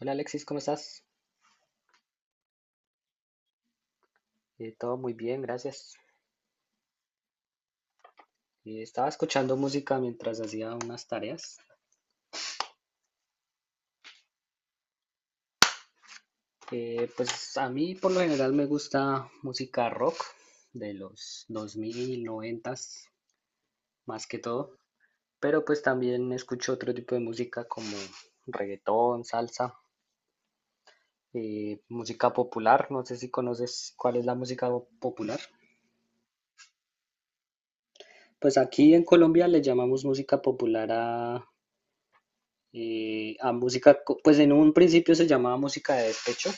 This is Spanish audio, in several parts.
Hola Alexis, ¿cómo estás? Todo muy bien, gracias. Estaba escuchando música mientras hacía unas tareas. Pues a mí por lo general me gusta música rock de los 2000, 90 más que todo, pero pues también escucho otro tipo de música como reggaetón, salsa, música popular. No sé si conoces cuál es la música popular. Pues aquí en Colombia le llamamos música popular a y a música, pues en un principio se llamaba música de despecho,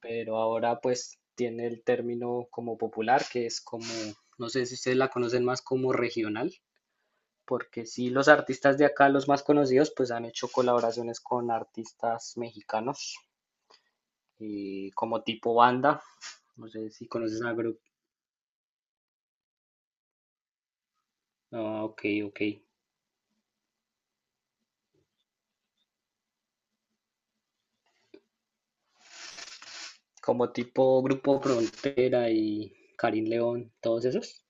pero ahora pues tiene el término como popular, que es como, no sé si ustedes la conocen más como regional, porque sí los artistas de acá, los más conocidos, pues han hecho colaboraciones con artistas mexicanos, y como tipo banda, no sé si conoces a grupo, ah, ok, ok, como tipo Grupo Frontera y Karim León, todos esos.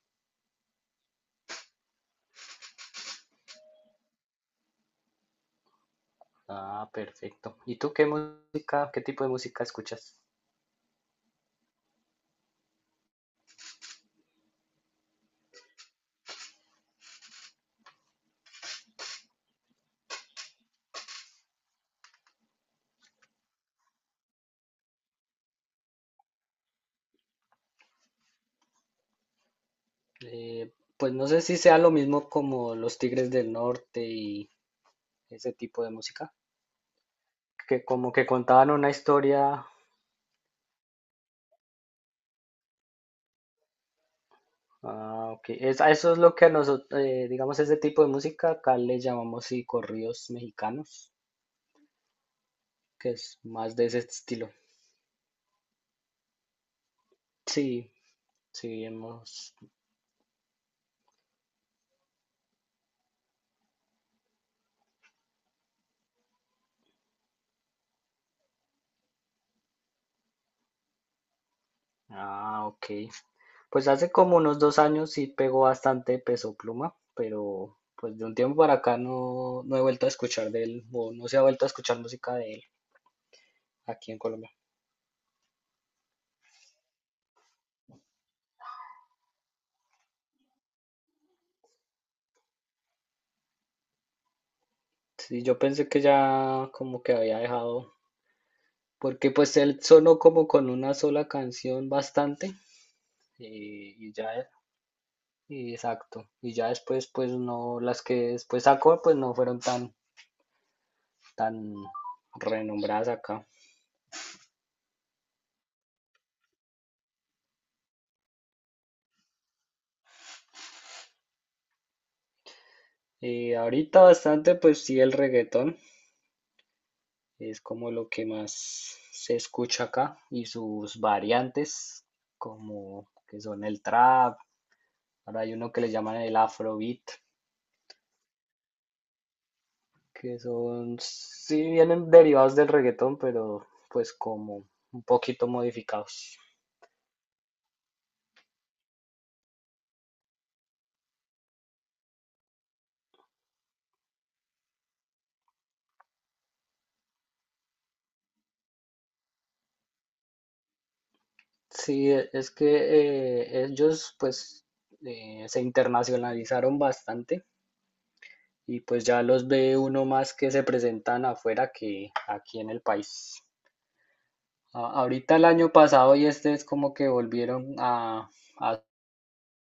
Ah, perfecto. ¿Y tú qué música, qué tipo de música escuchas? Pues no sé si sea lo mismo como los Tigres del Norte y ese tipo de música, que como que contaban una historia. Ah, ok. A eso es lo que a nosotros, digamos, ese tipo de música acá le llamamos, sí, corridos mexicanos, que es más de ese estilo. Sí, sí, hemos. Ah, ok. Pues hace como unos 2 años sí pegó bastante Peso Pluma, pero pues de un tiempo para acá no, no he vuelto a escuchar de él, o no se ha vuelto a escuchar música de él aquí en Colombia. Sí, yo pensé que ya como que había dejado, porque pues él sonó como con una sola canción bastante, y ya, y exacto, y ya después pues no, las que después sacó pues no fueron tan, tan renombradas acá. Y ahorita bastante pues sí el reggaetón, es como lo que más se escucha acá y sus variantes, como que son el trap, ahora hay uno que le llaman el afrobeat, que son, sí vienen derivados del reggaetón, pero pues como un poquito modificados. Sí, es que ellos pues se internacionalizaron bastante y pues ya los ve uno más que se presentan afuera que aquí en el país. Ahorita el año pasado y este es como que volvieron a, hacer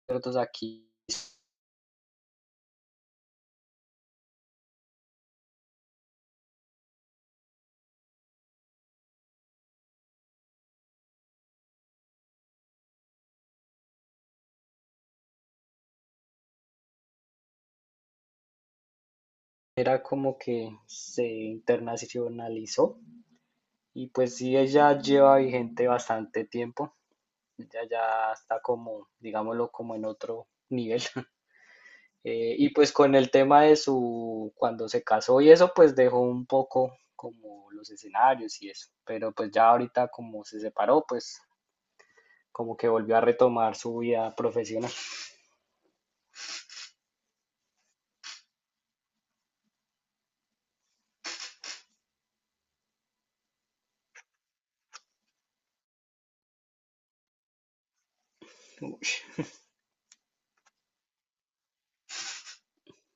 otros aquí. Era como que se internacionalizó y pues sí, ella lleva vigente bastante tiempo. Ella ya está como, digámoslo, como en otro nivel. Y pues con el tema de su, cuando se casó y eso, pues dejó un poco como los escenarios y eso. Pero pues ya ahorita como se separó, pues como que volvió a retomar su vida profesional.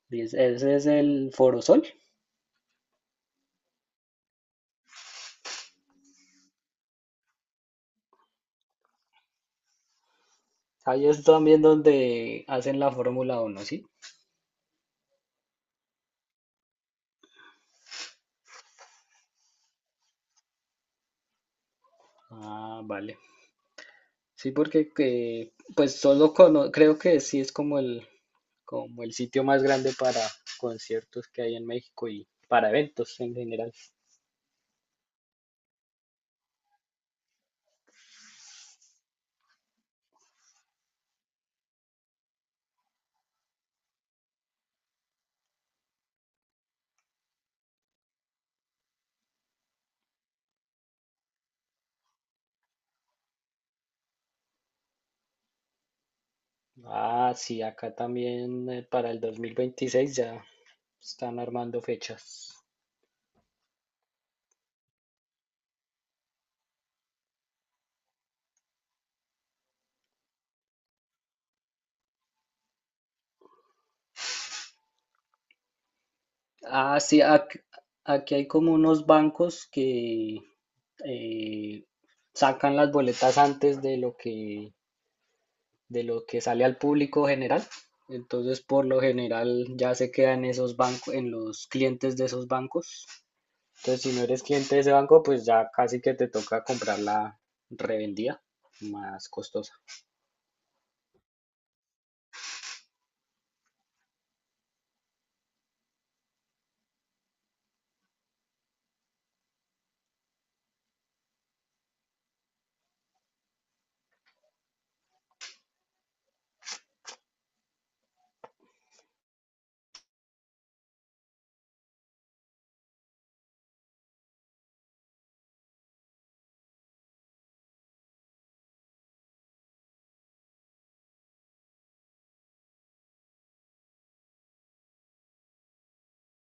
Ese es el Forosol. Ahí es también donde hacen la Fórmula 1, ¿sí? Ah, vale. Sí, porque que, pues solo creo que sí es como el, sitio más grande para conciertos que hay en México y para eventos en general. Ah, sí, acá también para el 2026 ya están armando fechas. Ah, sí, aquí, hay como unos bancos que eh, sacan las boletas antes de lo que sale al público general. Entonces, por lo general, ya se queda en esos bancos, en los clientes de esos bancos. Entonces, si no eres cliente de ese banco, pues ya casi que te toca comprar la revendida más costosa.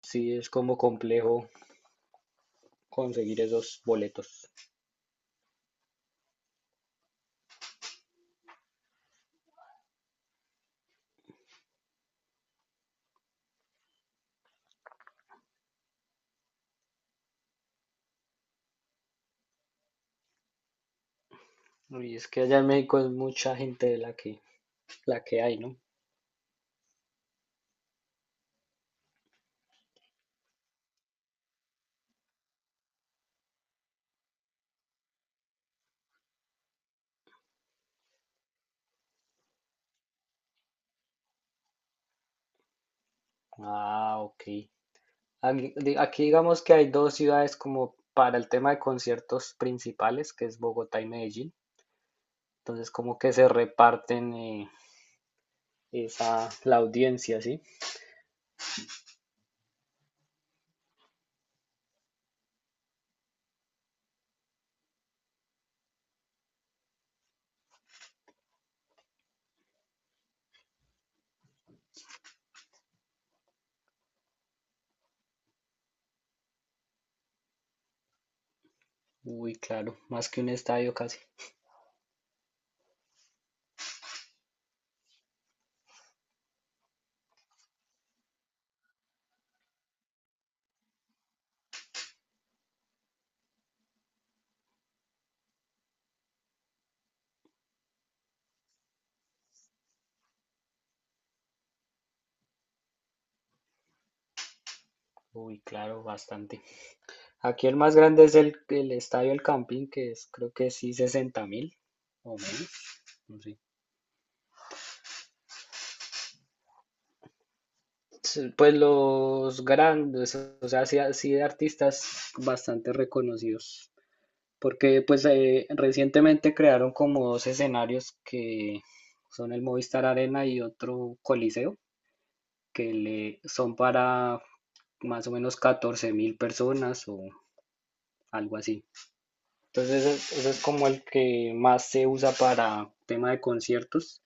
Sí, es como complejo conseguir esos boletos. Y es que allá en México es mucha gente de la que, hay, ¿no? Ah, ok. Aquí digamos que hay dos ciudades como para el tema de conciertos principales, que es Bogotá y Medellín. Entonces como que se reparten esa, la audiencia, ¿sí? Uy, claro, más que un estadio casi. Uy, claro, bastante. Aquí el más grande es el estadio El Campín, que es creo que sí 60.000 o menos, no sé. Sí, pues los grandes, o sea, sí, de artistas bastante reconocidos, porque pues recientemente crearon como dos escenarios que son el Movistar Arena y otro Coliseo, que le son para más o menos 14.000 personas o algo así. Entonces ese es como el que más se usa para tema de conciertos.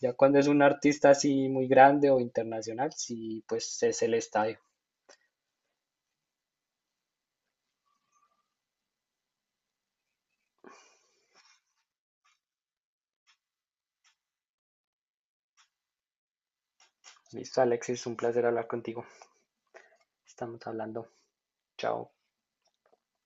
Ya cuando es un artista así muy grande o internacional, sí, pues es el estadio. Listo, Alexis, un placer hablar contigo. Estamos hablando. Chao.